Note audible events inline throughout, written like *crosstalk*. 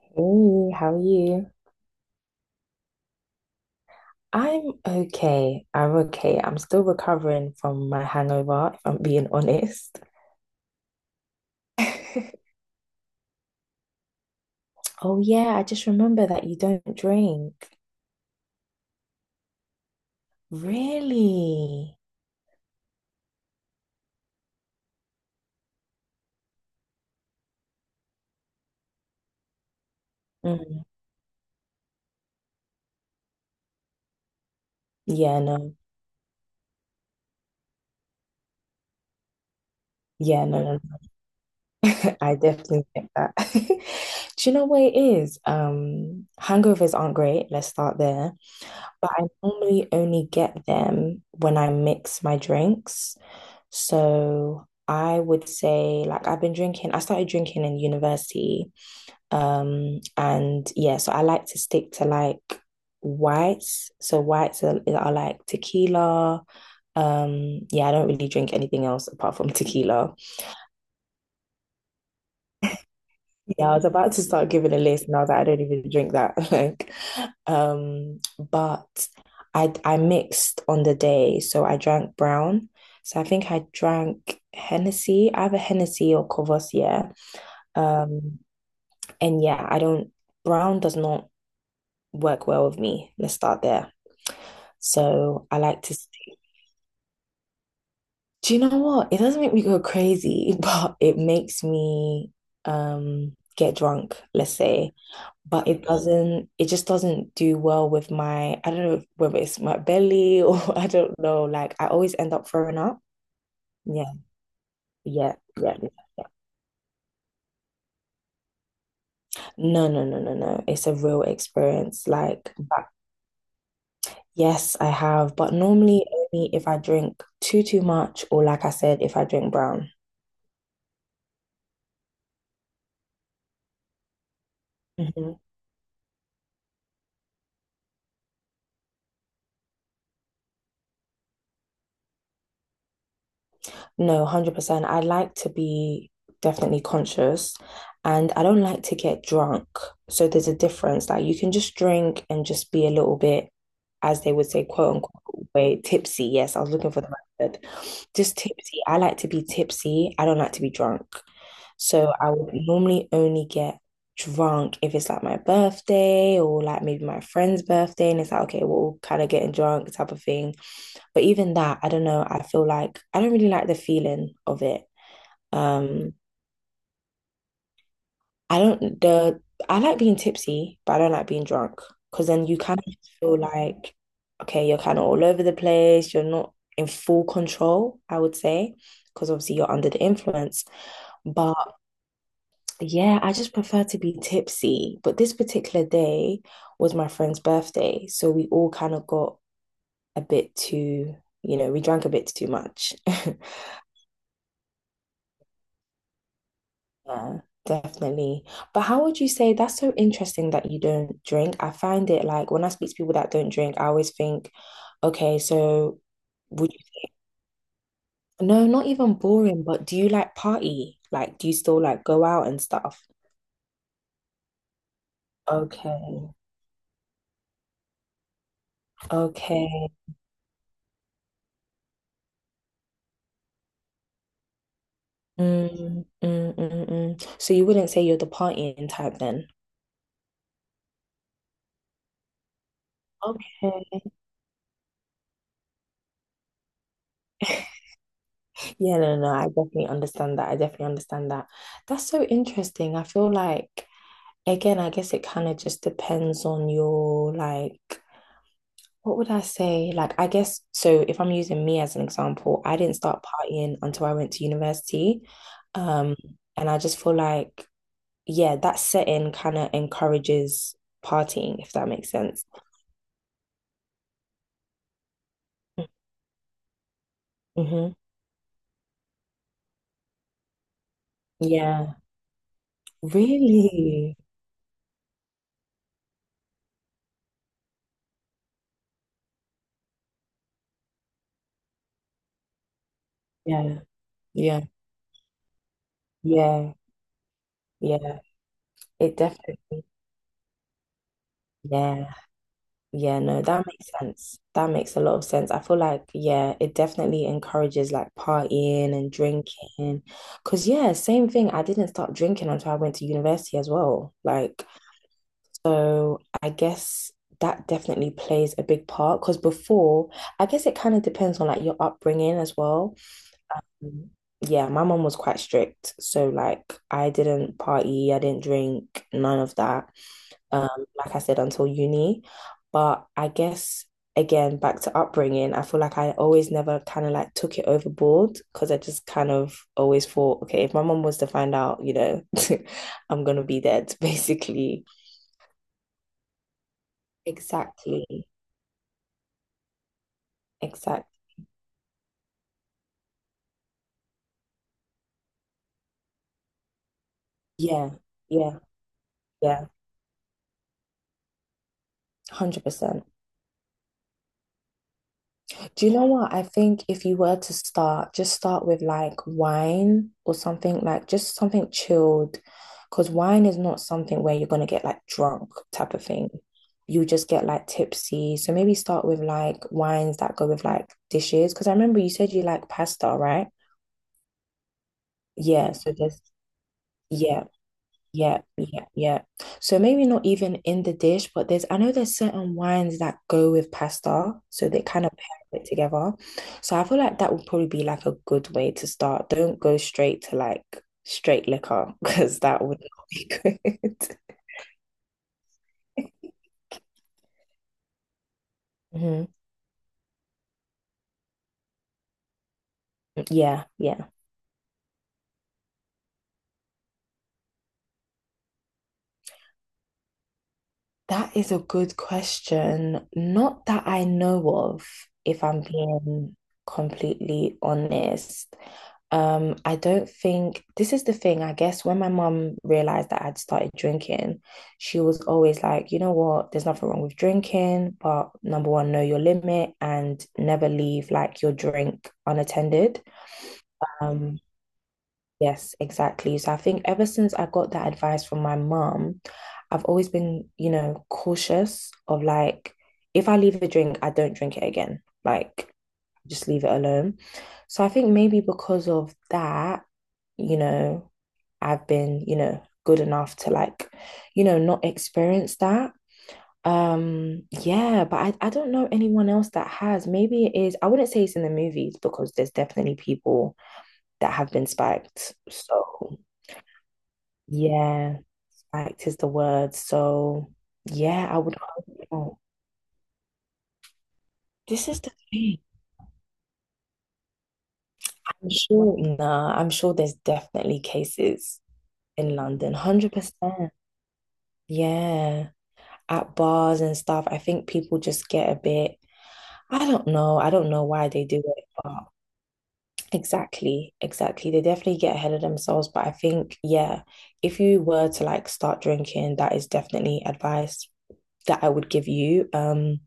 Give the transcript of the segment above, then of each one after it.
Hey, how are you? I'm okay. I'm okay. I'm still recovering from my hangover, if I'm being honest. *laughs* Oh, yeah, I just remember that you don't drink. Really? Mm. Yeah, no. Yeah, no, no. *laughs* I definitely get that. *laughs* Do you know what it is? Hangovers aren't great. Let's start there. But I normally only get them when I mix my drinks. So I would say like I've been drinking, I started drinking in university. And yeah, so I like to stick to like whites. So whites are, like tequila. Yeah, I don't really drink anything else apart from *laughs* tequila. Yeah, I was about to start giving a list and I was like, I don't even drink that. *laughs* Like, but I mixed on the day, so I drank brown. So I think I drank Hennessy, either Hennessy or Courvoisier. Um, and yeah, I don't, Brown does not work well with me. Let's start there. So I like to, do you know what? It doesn't make me go crazy, *laughs* but it makes me get drunk, let's say. But it doesn't, it just doesn't do well with my, I don't know whether it's my belly or *laughs* I don't know. Like I always end up throwing up. Yeah, yeah, yeah. Yeah. Yeah. No, no, no, no, no. It's a real experience. Like back. Yes, I have, but normally only if I drink too much or like I said, if I drink brown. Hmm. No, 100%. I like to be definitely conscious and I don't like to get drunk. So there's a difference. Like you can just drink and just be a little bit, as they would say, quote unquote, way tipsy. Yes, I was looking for the right word. Just tipsy. I like to be tipsy. I don't like to be drunk. So I would normally only get drunk if it's like my birthday or like maybe my friend's birthday and it's like, okay, we're all kind of getting drunk type of thing, but even that, I don't know, I feel like I don't really like the feeling of it. um I don't the I like being tipsy, but I don't like being drunk, because then you kind of feel like, okay, you're kind of all over the place, you're not in full control, I would say, because obviously you're under the influence, but yeah, I just prefer to be tipsy. But this particular day was my friend's birthday. So we all kind of got a bit too, we drank a bit too much. *laughs* Yeah, definitely. But how would you say, that's so interesting that you don't drink? I find it like when I speak to people that don't drink, I always think, okay, so would you, no, not even boring, but do you like party? Like, do you still like go out and stuff? Okay. Okay. Mm, mm, mm, mm. So you wouldn't say you're the partying type then? Okay. *laughs* Yeah, no, no, I definitely understand that. I definitely understand that. That's so interesting. I feel like, again, I guess it kind of just depends on your, like, what would I say? Like, I guess, so if I'm using me as an example, I didn't start partying until I went to university. Um, and I just feel like, yeah, that setting kind of encourages partying, if that makes sense. Mm-hmm. Yeah. Really? Yeah, yeah, yeah, yeah. It definitely, yeah, yeah, no, that makes sense. That makes a lot of sense. I feel like, yeah, it definitely encourages like partying and drinking. Because, yeah, same thing. I didn't start drinking until I went to university as well. Like, so I guess that definitely plays a big part. Because before, I guess it kind of depends on like your upbringing as well. Mm. Yeah, my mom was quite strict. So like I didn't party, I didn't drink, none of that. Um, like I said, until uni. But I guess again, back to upbringing, I feel like I always never kind of like took it overboard because I just kind of always thought, okay, if my mom was to find out, you know, *laughs* I'm gonna be dead, *laughs* basically. Exactly. Exactly. Yeah, yeah, yeah. 100%. Do you know what? I think if you were to start, just start with like wine or something, like just something chilled, because wine is not something where you're gonna get like drunk type of thing. You just get like tipsy. So maybe start with like wines that go with like dishes. Because I remember you said you like pasta, right? Yeah. So just yeah. Yeah, yeah, yeah. So maybe not even in the dish, but there's, I know there's certain wines that go with pasta, so they kind of pair it together. So I feel like that would probably be like a good way to start. Don't go straight to like straight liquor *laughs* because that would not be good. *laughs* Hmm. Yeah, yeah. That is a good question. Not that I know of, if I'm being completely honest. I don't think, this is the thing. I guess when my mum realized that I'd started drinking, she was always like, you know what, there's nothing wrong with drinking, but number one, know your limit and never leave like your drink unattended. Um, Yes, exactly. So I think ever since I got that advice from my mom, I've always been, you know, cautious of like, if I leave a drink, I don't drink it again. Like, just leave it alone. So I think maybe because of that, you know, I've been, you know, good enough to like, you know, not experience that. Yeah, but I don't know anyone else that has. Maybe it is, I wouldn't say it's in the movies because there's definitely people that have been spiked. So. Yeah, fact is the word. So, yeah, I would hope not. This is the thing. I'm sure, nah, I'm sure there's definitely cases in London, 100%. Yeah, at bars and stuff. I think people just get a bit, I don't know. I don't know why they do it, but exactly, exactly. They definitely get ahead of themselves. But I think, yeah, if you were to like start drinking, that is definitely advice that I would give you.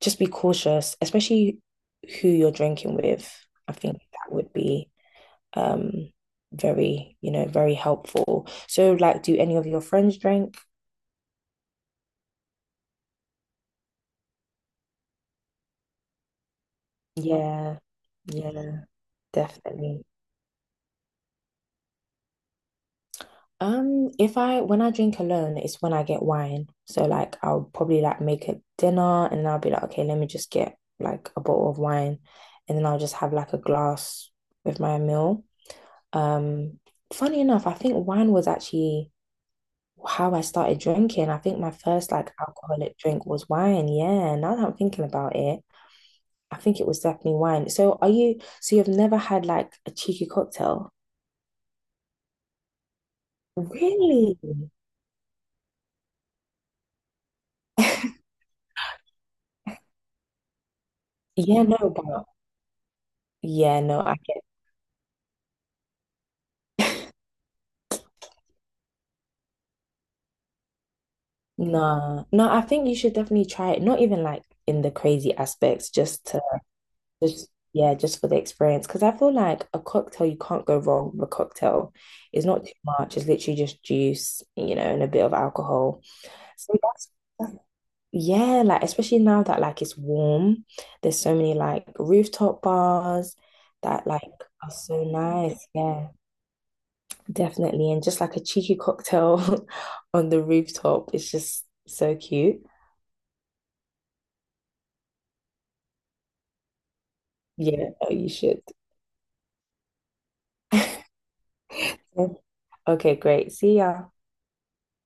Just be cautious, especially who you're drinking with. I think that would be um very, you know, very helpful. So like, do any of your friends drink? Yeah. Yeah, definitely. If I when I drink alone, it's when I get wine. So like I'll probably like make a dinner and I'll be like, okay, let me just get like a bottle of wine and then I'll just have like a glass with my meal. Um, Funny enough, I think wine was actually how I started drinking. I think my first like alcoholic drink was wine. Yeah, now that I'm thinking about it, I think it was definitely wine. So are you, so you've never had like a cheeky cocktail? Really? Yeah, no, but yeah, no, I get no, no. I think you should definitely try it. Not even like in the crazy aspects, just to just yeah, just for the experience. Because I feel like a cocktail, you can't go wrong with a cocktail. It's not too much. It's literally just juice, you know, and a bit of alcohol. So that's, yeah, like especially now that like it's warm, there's so many like rooftop bars that like are so nice. Yeah, definitely. And just like a cheeky cocktail *laughs* on the rooftop is just so cute. Yeah, oh, you should. *laughs* Okay, great. See ya.